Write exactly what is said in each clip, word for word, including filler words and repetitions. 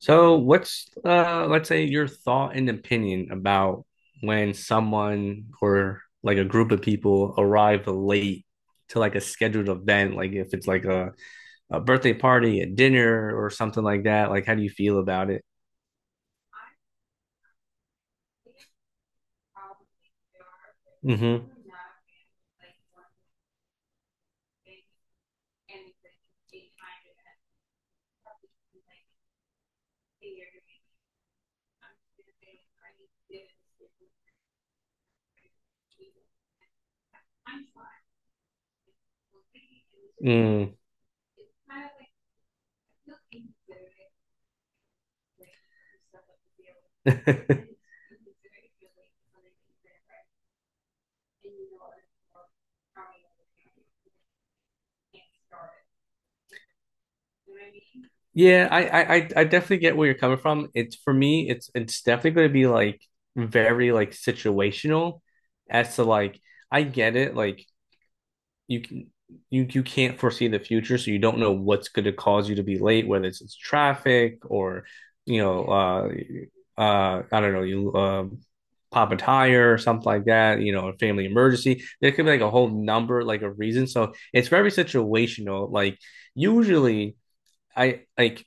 So, what's uh, let's say your thought and opinion about when someone or like a group of people arrive late to like a scheduled event, like if it's like a, a birthday party, a dinner, or something like that? Like, how do you feel about it? Mm-hmm. Mm. Yeah, I, I I I definitely get where you're coming from. It's for me, it's it's definitely going to be like very like situational as to like I get it. Like you can you you can't foresee the future, so you don't know what's going to cause you to be late, whether it's, it's traffic or you know uh uh I don't know you um uh, pop a tire or something like that, you know, a family emergency. There could be like a whole number, like a reason. So it's very situational. Like usually I like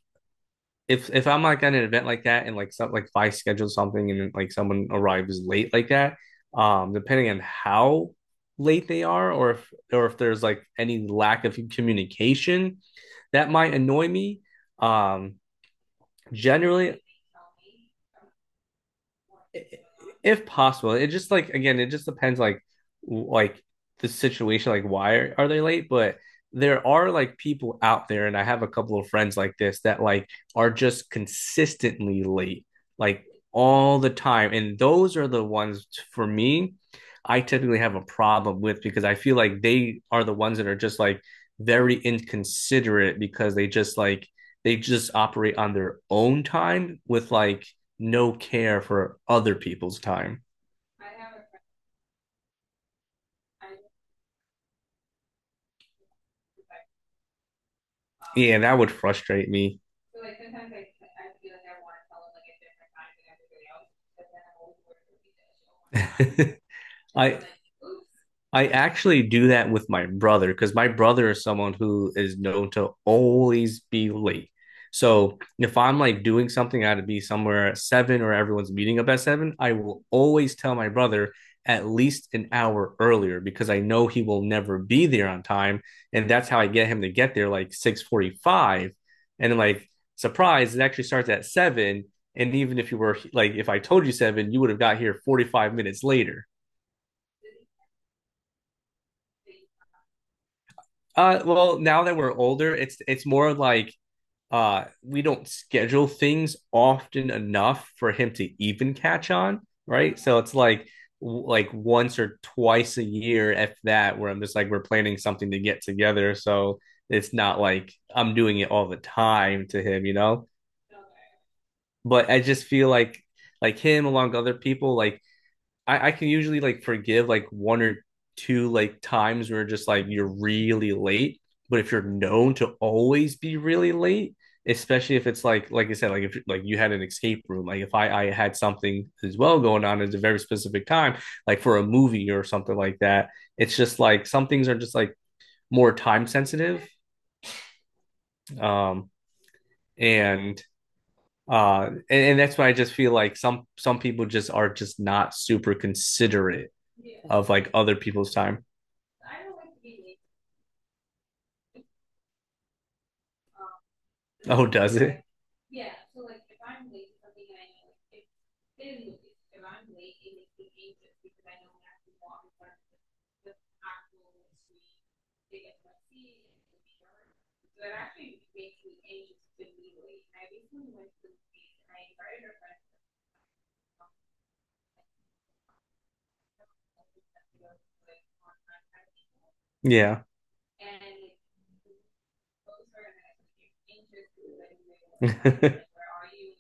if if I'm like at an event like that and like some like if I schedule something and like someone arrives late like that, um, depending on how late they are or if or if there's like any lack of communication, that might annoy me. Um, Generally, if possible it just like again it just depends like like the situation like why are, are they late, but there are like people out there and I have a couple of friends like this that like are just consistently late like all the time and those are the ones for me I typically have a problem with because I feel like they are the ones that are just like very inconsiderate because they just like they just operate on their own time with like no care for other people's time. Yeah, that would frustrate me. I I actually do that with my brother because my brother is someone who is known to always be late. So if I'm like doing something, I had to be somewhere at seven or everyone's meeting up at seven, I will always tell my brother at least an hour earlier because I know he will never be there on time. And that's how I get him to get there like six forty-five. And then like surprise, it actually starts at seven. And even if you were like if I told you seven, you would have got here forty-five minutes later. Uh, well, now that we're older, it's it's more like uh we don't schedule things often enough for him to even catch on, right? So it's like like once or twice a year, if that, where I'm just like we're planning something to get together. So it's not like I'm doing it all the time to him, you know? But I just feel like like him along with other people, like I, I can usually like forgive like one or two like times where just like you're really late. But if you're known to always be really late, especially if it's like like I said, like if like you had an escape room, like if I I had something as well going on at a very specific time, like for a movie or something like that, it's just like some things are just like more time sensitive, um, and uh, and, and that's why I just feel like some some people just are just not super considerate, yeah, of like other people's time. Oh, does it? Yeah.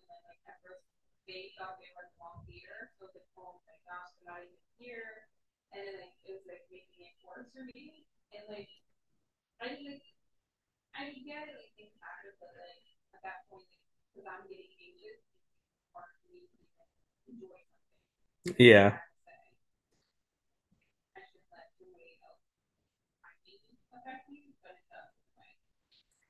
Yeah.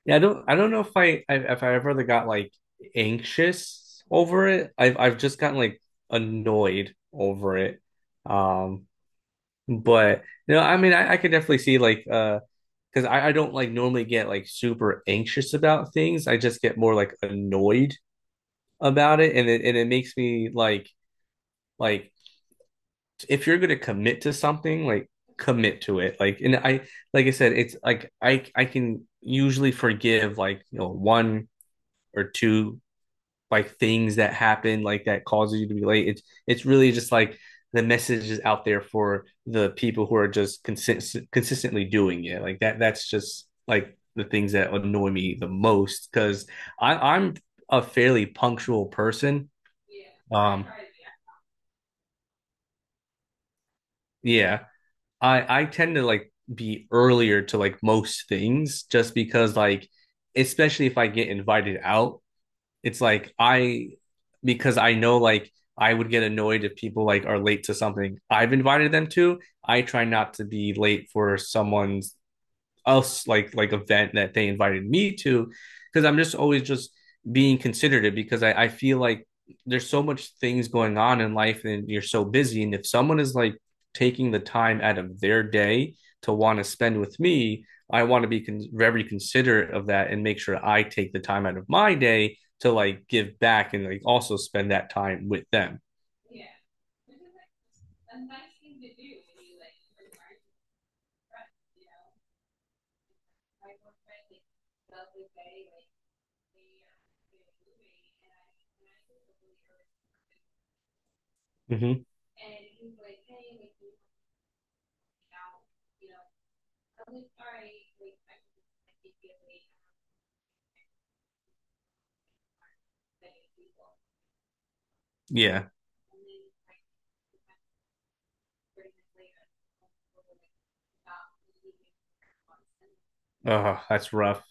Yeah, I don't I don't know if I I- if I ever really got like anxious over it. I've I've just gotten like annoyed over it. Um but you know, I mean I, I could definitely see like uh because I, I don't like normally get like super anxious about things. I just get more like annoyed about it and it and it makes me like like if you're going to commit to something, like commit to it. Like, and I, like I said, it's like I, I can usually forgive like you know one or two like things that happen like that causes you to be late. It's it's really just like the message is out there for the people who are just consistent consistently doing it. Like that. That's just like the things that annoy me the most because I'm a fairly punctual person. Um, yeah, I I tend to like be earlier to like most things just because like especially if I get invited out, it's like I because I know like I would get annoyed if people like are late to something I've invited them to. I try not to be late for someone's else like like event that they invited me to because I'm just always just being considerate because I, I feel like there's so much things going on in life and you're so busy and if someone is like taking the time out of their day to want to spend with me I want to be con- very considerate of that and make sure I take the time out of my day to like give back and like also spend that time with them. Mm-hmm. Yeah. Oh, that's rough.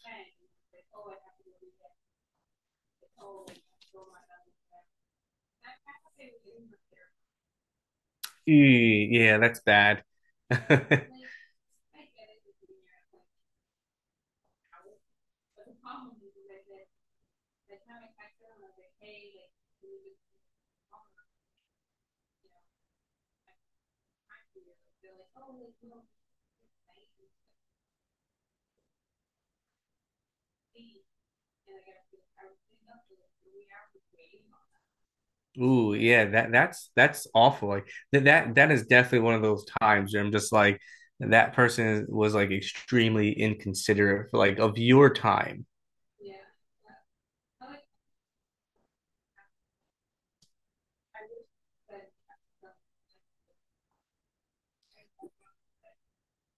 Ew, yeah, that's bad. Ooh, yeah, that that's that's awful. Like that that that is definitely one of those times where I'm just like that person is, was like extremely inconsiderate, like of your time.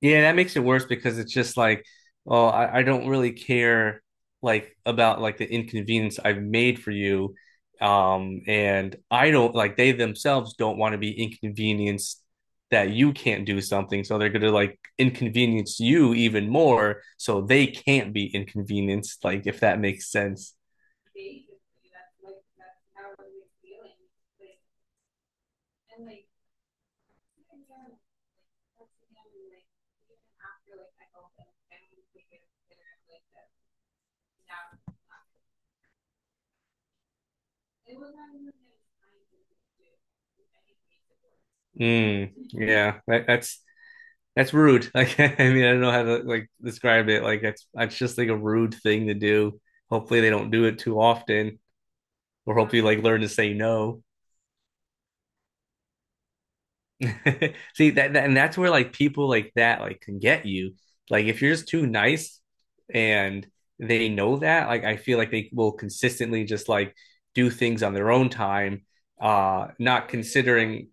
Yeah, that makes it worse because it's just like, oh, I, I don't really care like about like the inconvenience I've made for you. Um, and I don't like they themselves don't want to be inconvenienced that you can't do something. So they're gonna like inconvenience you even more so they can't be inconvenienced, like if that makes sense. Mm, yeah, that, that's that's rude. Like, I mean, I don't know how to like describe it. Like, that's that's just like a rude thing to do. Hopefully, they don't do it too often, or hopefully, like learn to say no. See that, that, and that's where like people like that like can get you. Like, if you're just too nice, and they know that, like, I feel like they will consistently just like do things on their own time, uh, not considering.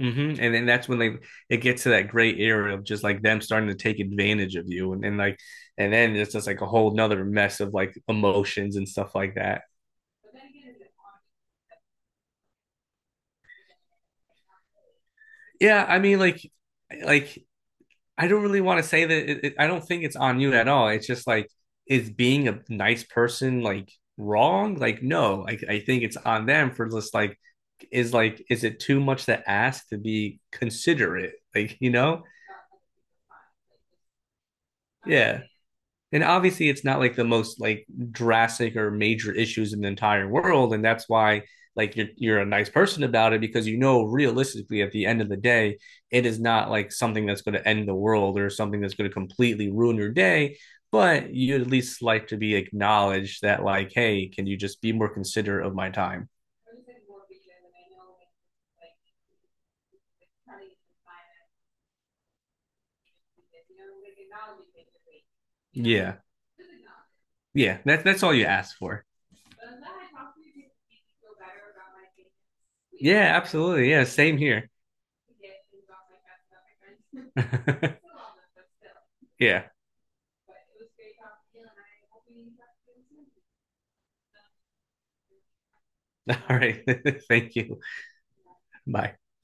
Mm-hmm. And then that's when they it gets to that gray area of just like them starting to take advantage of you, and then like, and then it's just like a whole nother mess of like emotions and stuff like that. Yeah, I mean, like, like I don't really want to say that. It, it, I don't think it's on you at all. It's just like is being a nice person like wrong? Like, no, I I think it's on them for just like is like is it too much to ask to be considerate? Like, you know, yeah. And obviously it's not like the most like drastic or major issues in the entire world and that's why like you're you're a nice person about it because you know realistically at the end of the day it is not like something that's going to end the world or something that's going to completely ruin your day, but you at least like to be acknowledged that like hey can you just be more considerate of my time. Yeah, yeah, that, that's all you ask for. Yeah, absolutely, yeah, same here. Yeah. All right. Thank you. Bye.